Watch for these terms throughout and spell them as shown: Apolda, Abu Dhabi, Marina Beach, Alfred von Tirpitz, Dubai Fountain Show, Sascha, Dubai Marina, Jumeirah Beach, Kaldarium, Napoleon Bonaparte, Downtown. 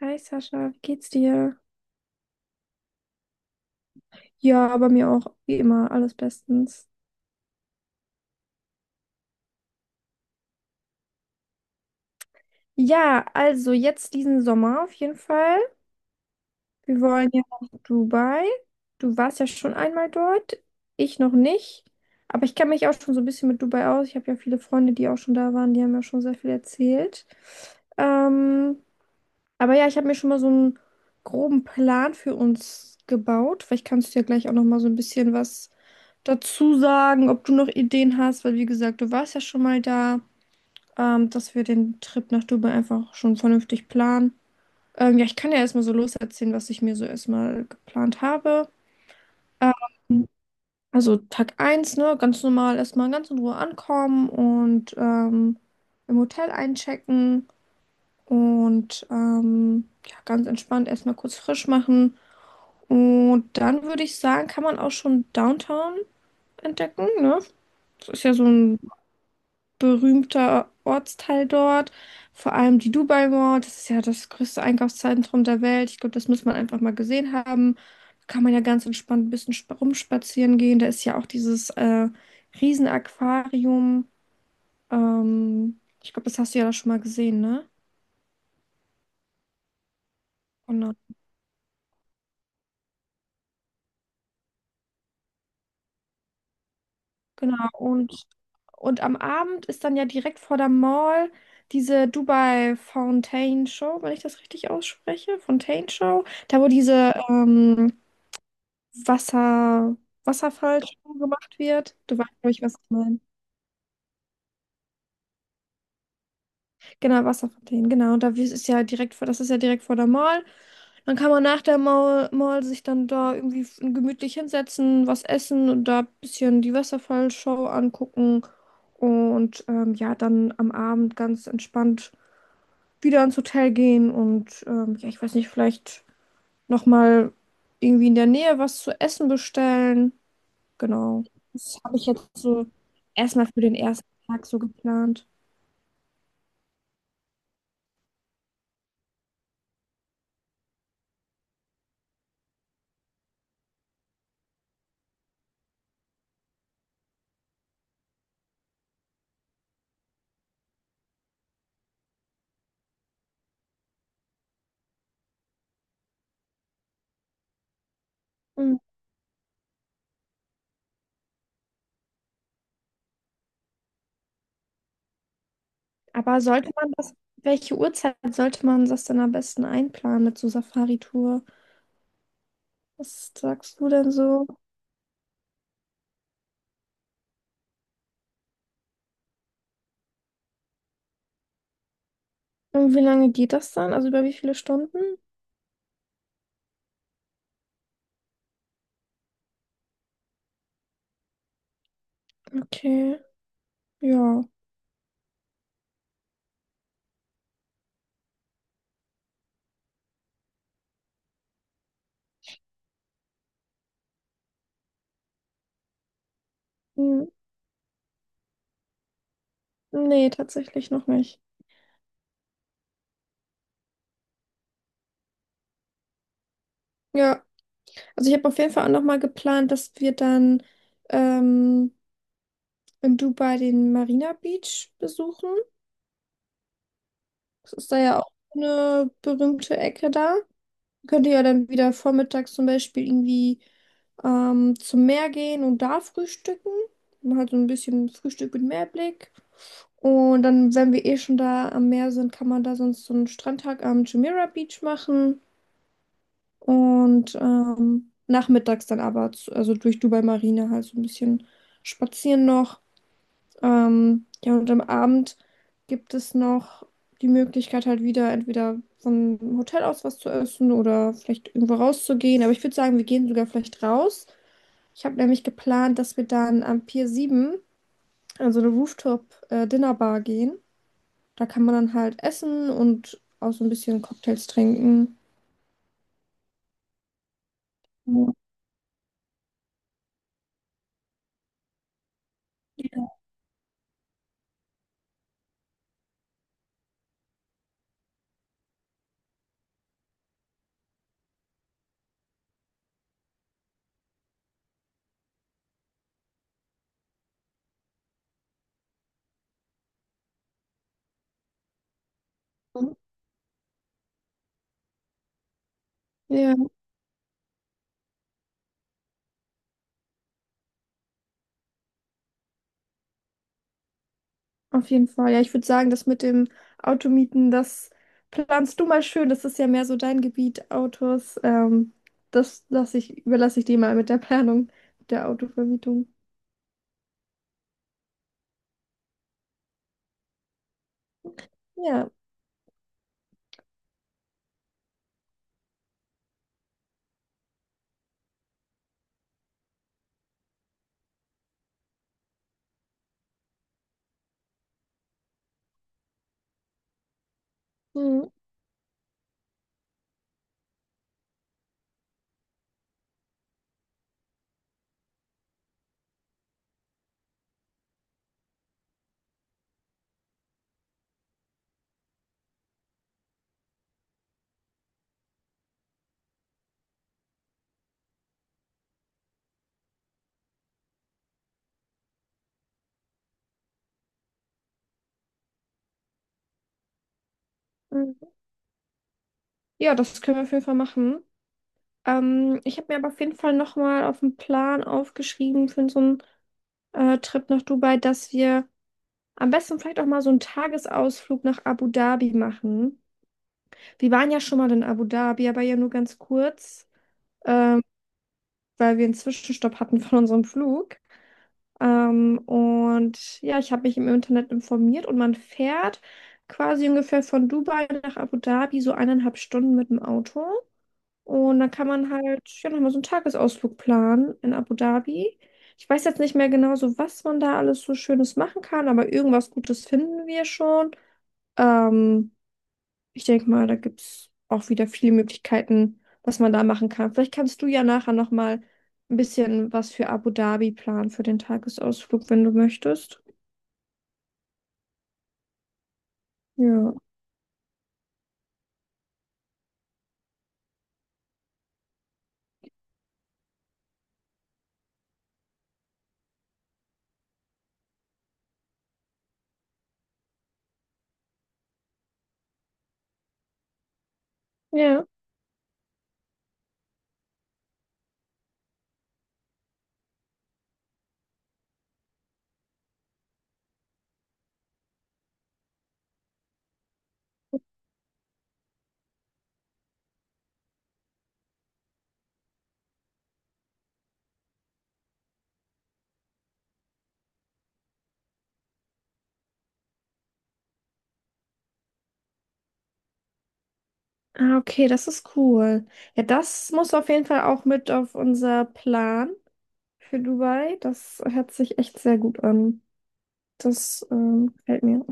Hi Sascha, wie geht's dir? Ja, bei mir auch, wie immer, alles bestens. Ja, also jetzt diesen Sommer auf jeden Fall. Wir wollen ja nach Dubai. Du warst ja schon einmal dort, ich noch nicht. Aber ich kenne mich auch schon so ein bisschen mit Dubai aus. Ich habe ja viele Freunde, die auch schon da waren, die haben ja schon sehr viel erzählt. Ähm, Aber ja, ich habe mir schon mal so einen groben Plan für uns gebaut. Vielleicht kannst du ja gleich auch noch mal so ein bisschen was dazu sagen, ob du noch Ideen hast, weil wie gesagt, du warst ja schon mal da, dass wir den Trip nach Dubai einfach schon vernünftig planen. Ja, ich kann ja erstmal so loserzählen, was ich mir so erstmal geplant habe. Ähm, also Tag eins, ne, ganz normal erstmal ganz in Ruhe ankommen und im Hotel einchecken. Und ja, ganz entspannt erstmal kurz frisch machen. Und dann würde ich sagen, kann man auch schon Downtown entdecken, ne? Das ist ja so ein berühmter Ortsteil dort. Vor allem die Dubai Mall, das ist ja das größte Einkaufszentrum der Welt. Ich glaube, das muss man einfach mal gesehen haben. Da kann man ja ganz entspannt ein bisschen rumspazieren gehen. Da ist ja auch dieses Riesenaquarium. Ich glaube, das hast du ja da schon mal gesehen, ne? Genau. Genau, und am Abend ist dann ja direkt vor der Mall diese Dubai Fountain Show, wenn ich das richtig ausspreche, Fontaine Show, da wo diese Wasser, Wasserfallshow gemacht wird. Du weißt, glaube ich, was ich meine. Genau, Wasserfontänen, genau. Und ist ja direkt vor, das ist ja direkt vor der Mall. Dann kann man nach der Mall sich dann da irgendwie gemütlich hinsetzen, was essen und da ein bisschen die Wasserfallshow angucken. Und ja, dann am Abend ganz entspannt wieder ins Hotel gehen und ja, ich weiß nicht, vielleicht nochmal irgendwie in der Nähe was zu essen bestellen. Genau. Das habe ich jetzt so erstmal für den ersten Tag so geplant. Aber sollte man das, welche Uhrzeit sollte man das denn am besten einplanen mit so Safari-Tour? Was sagst du denn so? Und wie lange geht das dann? Also über wie viele Stunden? Okay, ja. Hm. Nee, tatsächlich noch nicht. Ja, also ich habe auf jeden Fall auch nochmal geplant, dass wir dann ähm, in Dubai den Marina Beach besuchen. Das ist da ja auch eine berühmte Ecke da. Könnt ihr ja dann wieder vormittags zum Beispiel irgendwie zum Meer gehen und da frühstücken. Man hat so ein bisschen Frühstück mit Meerblick. Und dann, wenn wir eh schon da am Meer sind, kann man da sonst so einen Strandtag am Jumeirah Beach machen. Und nachmittags dann aber, zu, also durch Dubai Marina halt so ein bisschen spazieren noch. Ja, und am Abend gibt es noch die Möglichkeit, halt wieder entweder vom Hotel aus was zu essen oder vielleicht irgendwo rauszugehen. Aber ich würde sagen, wir gehen sogar vielleicht raus. Ich habe nämlich geplant, dass wir dann am Pier 7 an so eine Rooftop-Dinnerbar gehen. Da kann man dann halt essen und auch so ein bisschen Cocktails trinken. Ja. Auf jeden Fall. Ja, ich würde sagen, das mit dem Automieten, das planst du mal schön. Das ist ja mehr so dein Gebiet, Autos. Das lasse ich, überlasse ich dir mal mit der Planung der Autovermietung. Ja. Mhm. Mhm. Ja, das können wir auf jeden Fall machen. Ich habe mir aber auf jeden Fall nochmal auf den Plan aufgeschrieben für so einen Trip nach Dubai, dass wir am besten vielleicht auch mal so einen Tagesausflug nach Abu Dhabi machen. Wir waren ja schon mal in Abu Dhabi, aber ja nur ganz kurz. Ähm, weil wir einen Zwischenstopp hatten von unserem Flug. Und ja, ich habe mich im Internet informiert und man fährt quasi ungefähr von Dubai nach Abu Dhabi so eineinhalb Stunden mit dem Auto. Und dann kann man halt ja nochmal so einen Tagesausflug planen in Abu Dhabi. Ich weiß jetzt nicht mehr genau so, was man da alles so Schönes machen kann, aber irgendwas Gutes finden wir schon. Ähm, ich denke mal, da gibt es auch wieder viele Möglichkeiten, was man da machen kann. Vielleicht kannst du ja nachher nochmal ein bisschen was für Abu Dhabi planen für den Tagesausflug, wenn du möchtest. Ja. Ja. Ah, okay, das ist cool. Ja, das muss auf jeden Fall auch mit auf unser Plan für Dubai. Das hört sich echt sehr gut an. Das gefällt mir.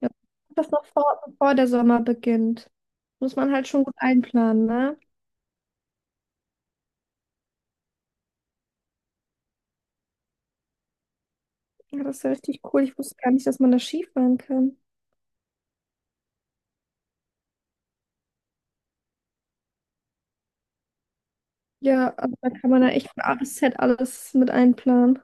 Ja. Das noch vor, bevor der Sommer beginnt. Muss man halt schon gut einplanen, ne? Ja, das ist ja richtig cool. Ich wusste gar nicht, dass man da Skifahren kann. Ja, also da kann man ja echt von A bis Z alles mit einplanen.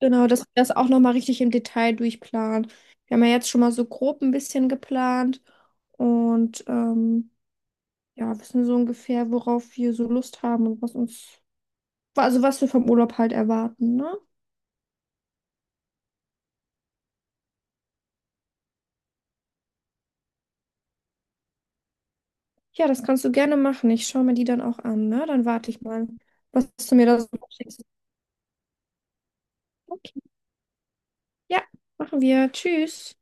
Genau, dass wir das auch nochmal richtig im Detail durchplanen. Wir haben ja jetzt schon mal so grob ein bisschen geplant und ja, wissen so ungefähr, worauf wir so Lust haben und was uns, also was wir vom Urlaub halt erwarten, ne? Ja, das kannst du gerne machen. Ich schaue mir die dann auch an, ne? Dann warte ich mal, was du mir da so schickst. Okay. Ja, machen wir. Tschüss.